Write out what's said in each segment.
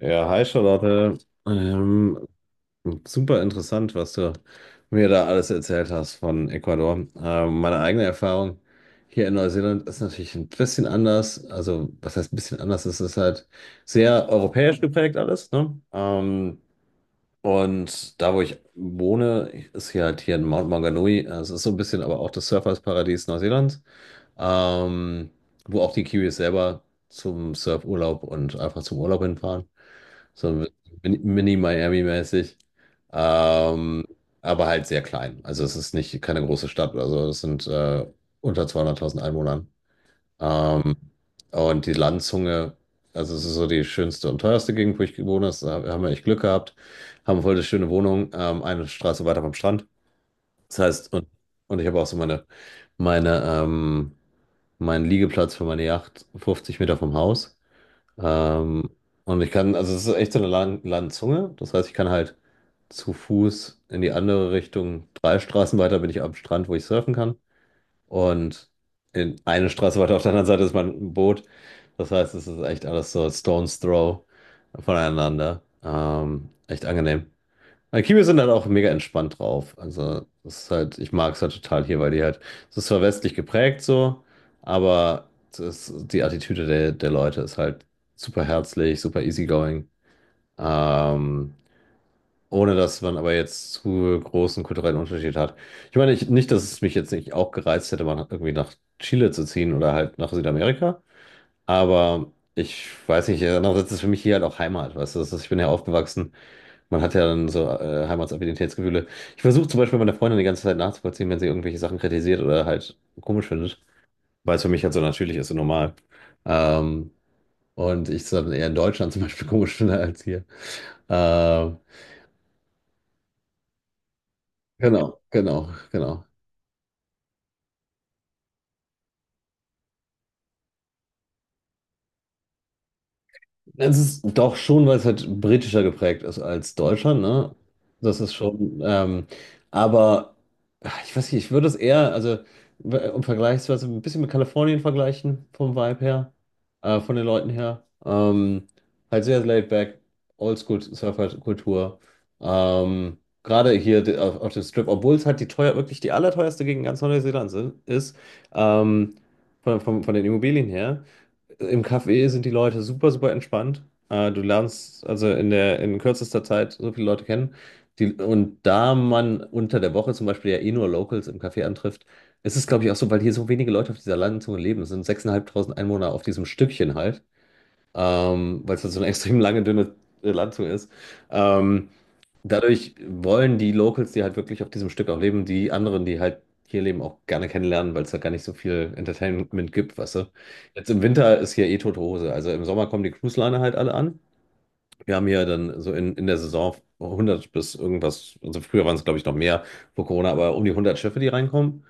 Ja, hi Charlotte. Ähm, Super interessant, was du mir da alles erzählt hast von Ecuador. Meine eigene Erfahrung hier in Neuseeland ist natürlich ein bisschen anders. Also, was heißt ein bisschen anders? Es ist halt sehr europäisch geprägt alles, ne? Und da, wo ich wohne, ist hier halt hier in Mount Maunganui. Es ist so ein bisschen aber auch das Surfersparadies Neuseelands, ähm, wo auch die Kiwis selber zum Surfurlaub und einfach zum Urlaub hinfahren. So ein bisschen Mini-Miami-mäßig. Ähm, aber halt sehr klein. Also es ist nicht keine große Stadt oder so. Es sind unter 200.000 Einwohnern. Ähm, und die Landzunge, also es ist so die schönste und teuerste Gegend, wo ich gewohnt habe. Da haben wir echt Glück gehabt. Haben voll eine schöne Wohnung, eine Straße weiter vom Strand. Das heißt, und ich habe auch so meine, ähm, meinen Liegeplatz für meine Yacht 50 Meter vom Haus. Ähm, und ich kann, also es ist echt so eine Landzunge. Das heißt, ich kann halt zu Fuß in die andere Richtung, drei Straßen weiter bin ich am Strand, wo ich surfen kann. Und in eine Straße weiter auf der anderen Seite ist mein Boot. Das heißt, es ist echt alles so Stone's Throw voneinander. Echt angenehm. Aber Kiwis sind dann auch mega entspannt drauf. Also, das ist halt, ich mag es halt total hier, weil die halt, es ist zwar westlich geprägt so, aber das, die Attitüde der Leute ist halt super herzlich, super easygoing. Ähm, Ohne dass man aber jetzt zu großen kulturellen Unterschied hat. Ich meine, ich, nicht, dass es mich jetzt nicht auch gereizt hätte, mal irgendwie nach Chile zu ziehen oder halt nach Südamerika, aber ich weiß nicht, andererseits ist es für mich hier halt auch Heimat, weißt du, das ist, ich bin ja aufgewachsen. Man hat ja dann so Heimatsaffinititätsgefühle. Ich versuche zum Beispiel meiner Freundin die ganze Zeit nachzuvollziehen, wenn sie irgendwelche Sachen kritisiert oder halt komisch findet, weil es für mich halt so natürlich ist und normal. Ähm, und ich es dann eher in Deutschland zum Beispiel komisch finde als hier. Ähm, genau, genau, genau. Es ist doch schon, weil es halt britischer geprägt ist als Deutschland, ne? Das ist schon, aber ach, ich weiß nicht, ich würde es eher, also um vergleichsweise ein bisschen mit Kalifornien vergleichen, vom Vibe her, von den Leuten her. Halt sehr laid back, Oldschool-Surfer-Kultur. Gerade hier auf dem Strip, obwohl es halt die teuer, wirklich die allerteuerste Gegend ganz Neuseelands ist, ähm, von den Immobilien her. Im Café sind die Leute super, super entspannt. Du lernst also in der, in kürzester Zeit so viele Leute kennen. Die, und da man unter der Woche zum Beispiel ja eh nur Locals im Café antrifft, ist es, glaube ich, auch so, weil hier so wenige Leute auf dieser langen Zunge leben. Es sind 6.500 Einwohner auf diesem Stückchen halt, weil es halt so eine extrem lange, dünne Landzunge ist. Ähm, Dadurch wollen die Locals, die halt wirklich auf diesem Stück auch leben, die anderen, die halt hier leben, auch gerne kennenlernen, weil es da gar nicht so viel Entertainment gibt, weißt du. Jetzt im Winter ist hier eh tote Hose. Also im Sommer kommen die Cruise-Liner halt alle an. Wir haben hier dann so in der Saison 100 bis irgendwas, also früher waren es glaube ich noch mehr vor Corona, aber um die 100 Schiffe, die reinkommen.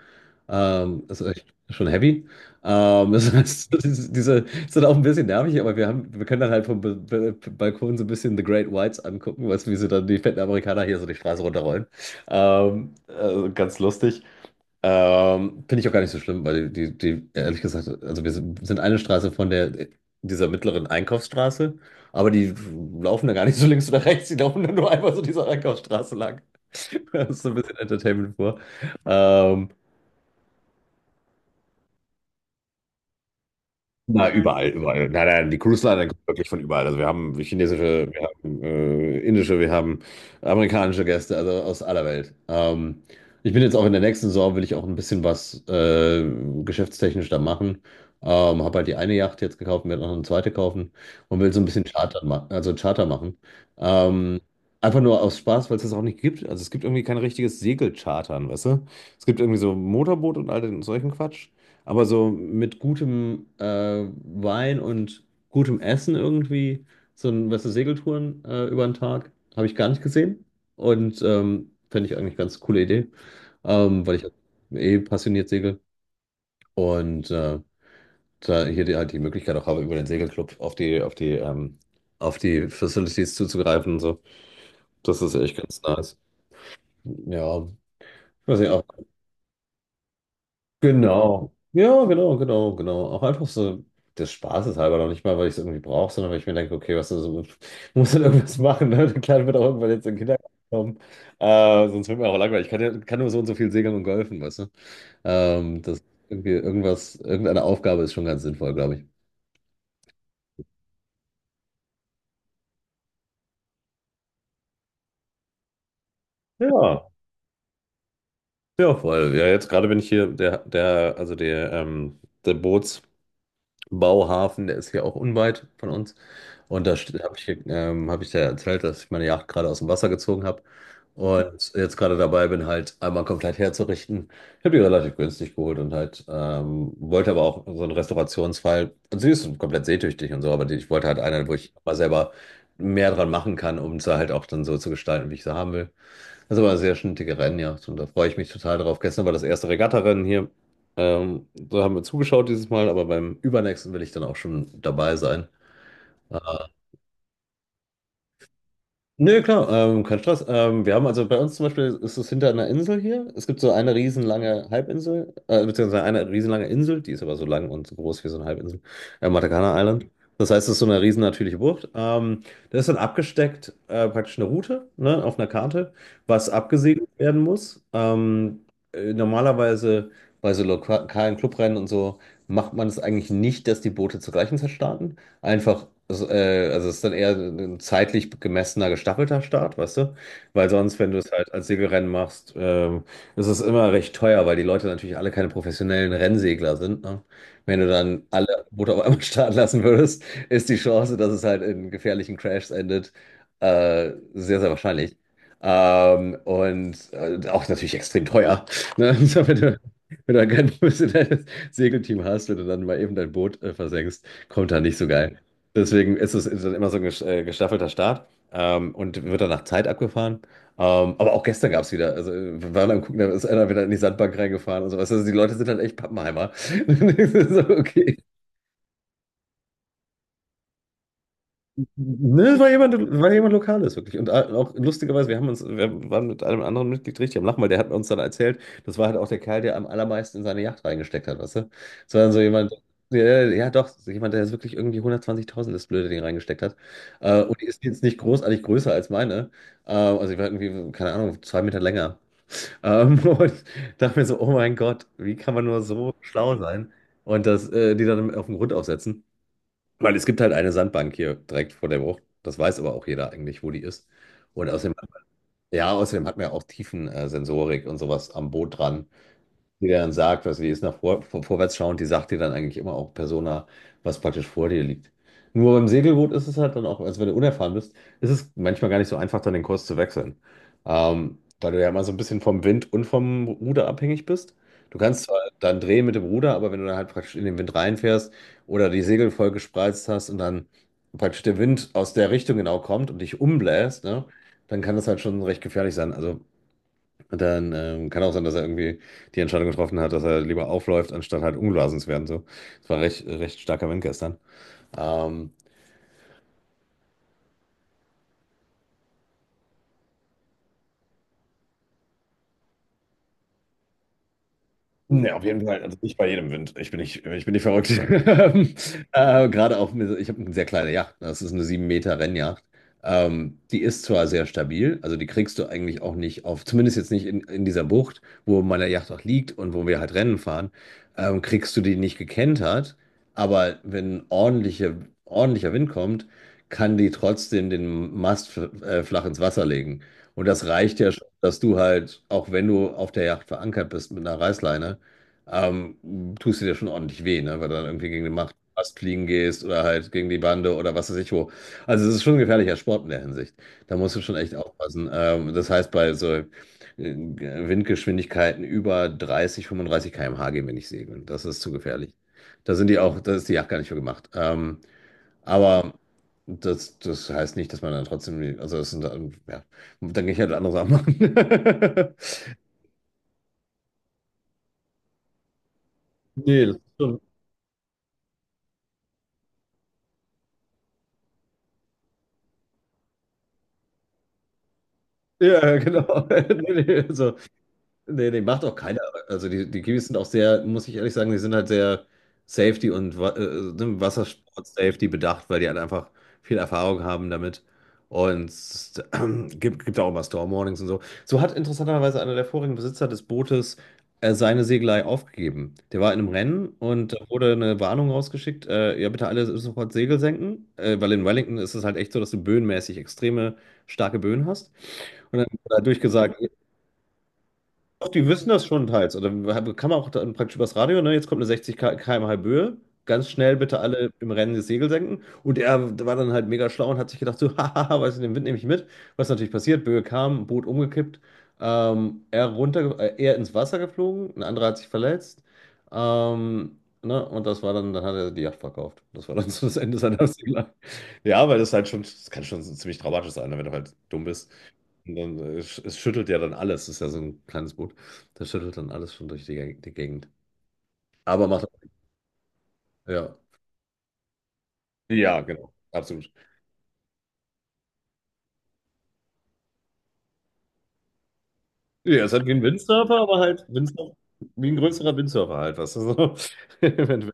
Das ist echt schon heavy. Das heißt, das diese ist dann auch ein bisschen nervig, aber wir haben, wir können dann halt vom Balkon so ein bisschen The Great Whites angucken, was, wie sie dann die fetten Amerikaner hier so die Straße runterrollen. Also ganz lustig. Finde ich auch gar nicht so schlimm, weil die ehrlich gesagt, also wir sind eine Straße von der, dieser mittleren Einkaufsstraße, aber die laufen da gar nicht so links oder rechts, die laufen dann nur einfach so dieser Einkaufsstraße lang. Das ist so ein bisschen Entertainment vor. Ähm, Na, überall, überall. Nein, nein, die Cruise Line kommt wirklich von überall. Also wir haben chinesische, wir haben indische, wir haben amerikanische Gäste, also aus aller Welt. Ich bin jetzt auch in der nächsten Saison, will ich auch ein bisschen was geschäftstechnisch da machen. Habe halt die eine Yacht jetzt gekauft, werde noch eine zweite kaufen und will so ein bisschen Charter, ma also Charter machen. Ähm, Einfach nur aus Spaß, weil es das auch nicht gibt. Also es gibt irgendwie kein richtiges Segelchartern, weißt du? Es gibt irgendwie so Motorboot und all den solchen Quatsch. Aber so mit gutem Wein und gutem Essen irgendwie, so ein, weißt du, Segeltouren über den Tag, habe ich gar nicht gesehen. Und fände ich eigentlich ganz coole Idee, weil ich halt eh passioniert segel. Und da hier die, halt die Möglichkeit auch habe, über den Segelclub auf die, auf die Facilities zuzugreifen und so. Das ist echt ganz nice. Ja, ich weiß nicht, auch. Genau. Ja, genau, genau, genau. Auch einfach so des Spaßes halber, noch nicht mal, weil ich es irgendwie brauche, sondern weil ich mir denke, okay, was ist, muss dann irgendwas machen, ne? Der Kleine wird auch irgendwann jetzt in den Kindergarten kommen. Sonst wird mir auch langweilig. Ich kann, ja, kann nur so und so viel segeln und golfen, weißt du? Das irgendeine Aufgabe ist schon ganz sinnvoll, glaube ich. Ja, ja, voll. Ja, jetzt gerade bin ich hier, der Bootsbauhafen, der ist hier auch unweit von uns. Und da habe ich, hab ich dir erzählt, dass ich meine Yacht gerade aus dem Wasser gezogen habe und jetzt gerade dabei bin, halt einmal komplett herzurichten. Ich habe die relativ günstig geholt und halt wollte aber auch so einen Restaurationsfall. Und sie ist komplett seetüchtig und so, aber die, ich wollte halt eine, wo ich mal selber mehr dran machen kann, um sie halt auch dann so zu gestalten, wie ich sie haben will. Das ist aber eine sehr schnittige Rennjacht und da freue ich mich total drauf. Gestern war das erste Regattarennen hier. Da haben wir zugeschaut dieses Mal, aber beim übernächsten will ich dann auch schon dabei sein. Äh, Nö, klar, kein Stress. Wir haben also bei uns zum Beispiel ist es hinter einer Insel hier. Es gibt so eine riesenlange Halbinsel, beziehungsweise eine riesenlange Insel, die ist aber so lang und so groß wie so eine Halbinsel, Matakana Island. Das heißt, es ist so eine riesen natürliche Bucht. Da ist dann abgesteckt praktisch eine Route, ne, auf einer Karte, was abgesegelt werden muss. Normalerweise bei so lokalen Clubrennen und so macht man es eigentlich nicht, dass die Boote zur gleichen Zeit starten einfach, also es ist dann eher ein zeitlich gemessener, gestaffelter Start, weißt du? Weil sonst, wenn du es halt als Segelrennen machst, ist es immer recht teuer, weil die Leute natürlich alle keine professionellen Rennsegler sind, ne? Wenn du dann alle Boote auf einmal starten lassen würdest, ist die Chance, dass es halt in gefährlichen Crashs endet, sehr, sehr wahrscheinlich. Auch natürlich extrem teuer, ne? So, wenn du, wenn du kein professionelles Segelteam hast, wenn du dann mal eben dein Boot versenkst, kommt da nicht so geil. Deswegen ist es ist dann immer so ein gestaffelter Start und wird dann nach Zeit abgefahren. Aber auch gestern gab es wieder, also wir waren am Gucken, da ist einer wieder in die Sandbank reingefahren und sowas. Also die Leute sind halt echt Pappenheimer. So, okay. Ne, war jemand Lokales, wirklich. Und auch lustigerweise, wir waren mit einem anderen Mitglied richtig am Lachen, weil der hat uns dann erzählt, das war halt auch der Kerl, der am allermeisten in seine Yacht reingesteckt hat, weißt du? Das war dann so jemand, ja, ja doch, so jemand, der jetzt wirklich irgendwie 120.000 das blöde Ding reingesteckt hat. Und die ist jetzt nicht großartig größer als meine. Also ich war irgendwie, keine Ahnung, 2 Meter länger. Und dachte mir so, oh mein Gott, wie kann man nur so schlau sein und das, die dann auf den Grund aufsetzen? Weil es gibt halt eine Sandbank hier direkt vor der Bucht. Das weiß aber auch jeder eigentlich, wo die ist. Und außerdem, ja, außerdem hat man ja auch Tiefensensorik und sowas am Boot dran, die dann sagt, was die ist nach vorwärts schauend, die sagt dir dann eigentlich immer auch Persona, was praktisch vor dir liegt. Nur beim Segelboot ist es halt dann auch, also wenn du unerfahren bist, ist es manchmal gar nicht so einfach, dann den Kurs zu wechseln. Weil du ja immer so ein bisschen vom Wind und vom Ruder abhängig bist. Du kannst zwar dann drehen mit dem Ruder, aber wenn du dann halt praktisch in den Wind reinfährst oder die Segel voll gespreizt hast und dann praktisch der Wind aus der Richtung genau kommt und dich umbläst, ne, dann kann das halt schon recht gefährlich sein. Also und dann kann auch sein, dass er irgendwie die Entscheidung getroffen hat, dass er lieber aufläuft, anstatt halt umgeblasen zu werden. So. Es war recht starker Wind gestern. Ähm, ja, auf jeden Fall. Also nicht bei jedem Wind. Ich bin nicht verrückt. Gerade auch, ich habe eine sehr kleine Yacht, ne? Das ist eine 7 Meter Rennjacht. Die ist zwar sehr stabil, also die kriegst du eigentlich auch nicht auf, zumindest jetzt nicht in dieser Bucht, wo meine Yacht auch liegt und wo wir halt Rennen fahren, kriegst du die nicht gekentert. Aber wenn ordentlicher Wind kommt, kann die trotzdem den Mast flach ins Wasser legen. Und das reicht ja schon, dass du halt, auch wenn du auf der Yacht verankert bist mit einer Reißleine, tust du dir ja schon ordentlich weh, ne? Weil du dann irgendwie gegen die Macht fast fliegen gehst oder halt gegen die Bande oder was weiß ich wo. Also es ist schon ein gefährlicher Sport in der Hinsicht. Da musst du schon echt aufpassen. Das heißt, bei so Windgeschwindigkeiten über 30, 35 km/h gehen wir nicht segeln. Das ist zu gefährlich. Da sind die auch, da ist die Yacht gar nicht für gemacht. Aber das, das heißt nicht, dass man dann trotzdem, die- also es sind, dann- ja, dann gehe ich halt andere Sachen machen. Nee, das ist schon ja, genau. Nee, nee, so. Nee, nee, macht auch keiner. Also die, die Kiwis sind auch sehr, muss ich ehrlich sagen, die sind halt sehr Safety und ne, Wassersport-Safety bedacht, weil die halt einfach viel Erfahrung haben damit. Und es gibt auch immer Storm-Warnings und so. So hat interessanterweise einer der vorigen Besitzer des Bootes seine Segelei aufgegeben. Der war in einem Rennen und da wurde eine Warnung rausgeschickt, ja bitte alle sofort Segel senken, weil in Wellington ist es halt echt so, dass du böenmäßig extreme starke Böen hast. Und dann hat er durchgesagt, doch, die wissen das schon teils. Oder kann man auch dann praktisch übers Radio, ne? Jetzt kommt eine 60 km/h Böe. Ganz schnell bitte alle im Rennen das Segel senken. Und er war dann halt mega schlau und hat sich gedacht, so, hahaha, weißt du, den Wind nehme ich mit. Was natürlich passiert, Böe kam, Boot umgekippt, er runter, er ins Wasser geflogen, ein anderer hat sich verletzt. Ne? Und das war dann, dann hat er die Yacht verkauft. Das war dann so das Ende seiner Segelei. Ja, weil das halt schon, das kann schon ziemlich dramatisch sein, ne, wenn du halt dumm bist. Und dann, es schüttelt ja dann alles. Das ist ja so ein kleines Boot. Das schüttelt dann alles schon durch die Gegend. Aber macht, ja. Ja, genau. Absolut. Ja, es hat wie ein Windsurfer, aber halt Windsurfer, wie ein größerer Windsurfer halt, was so. Wenn-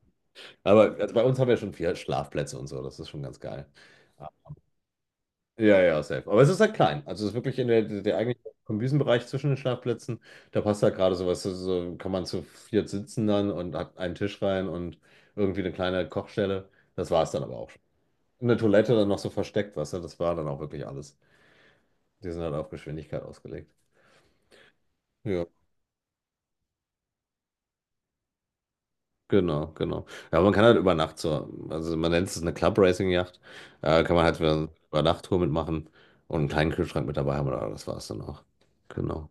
aber also bei uns haben wir schon vier Schlafplätze und so. Das ist schon ganz geil. Ja, ja, safe. Aber es ist halt klein. Also es ist wirklich in der eigentliche Kombüsenbereich zwischen den Schlafplätzen. Da passt halt gerade sowas. So kann man zu viert sitzen dann und hat einen Tisch rein und irgendwie eine kleine Kochstelle. Das war es dann aber auch schon. In der Toilette dann noch so versteckt, weißt du, das war dann auch wirklich alles. Die sind halt auf Geschwindigkeit ausgelegt. Ja, genau. Ja, man kann halt über Nacht so, also man nennt es eine club racing Yacht, kann man halt über Nachttour mitmachen und einen kleinen Kühlschrank mit dabei haben, oder das war's dann auch. Genau.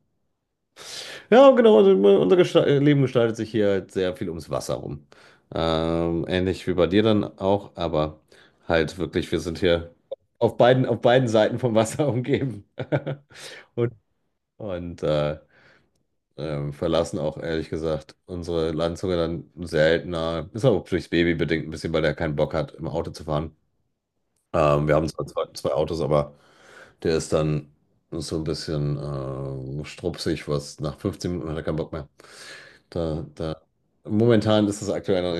Ja, genau, also unser Gesta Leben gestaltet sich hier halt sehr viel ums Wasser rum. Ähnlich wie bei dir dann auch, aber halt wirklich, wir sind hier auf auf beiden Seiten vom Wasser umgeben. Und, und äh, verlassen auch ehrlich gesagt unsere Landzunge dann seltener. Ist auch durchs Baby bedingt ein bisschen, weil der keinen Bock hat, im Auto zu fahren. Wir haben zwar zwei Autos, aber der ist dann so ein bisschen strupsig, was nach 15 Minuten hat er keinen Bock mehr. Da, da, momentan ist das aktuell noch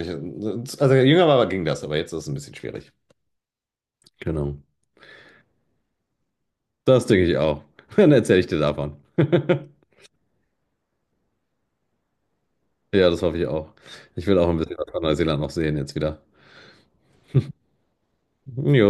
nicht. Also jünger war, ging das, aber jetzt ist es ein bisschen schwierig. Genau. Das denke ich auch. Dann erzähle ich dir davon. Ja, das hoffe ich auch. Ich will auch ein bisschen was von Neuseeland noch sehen jetzt wieder. Jo.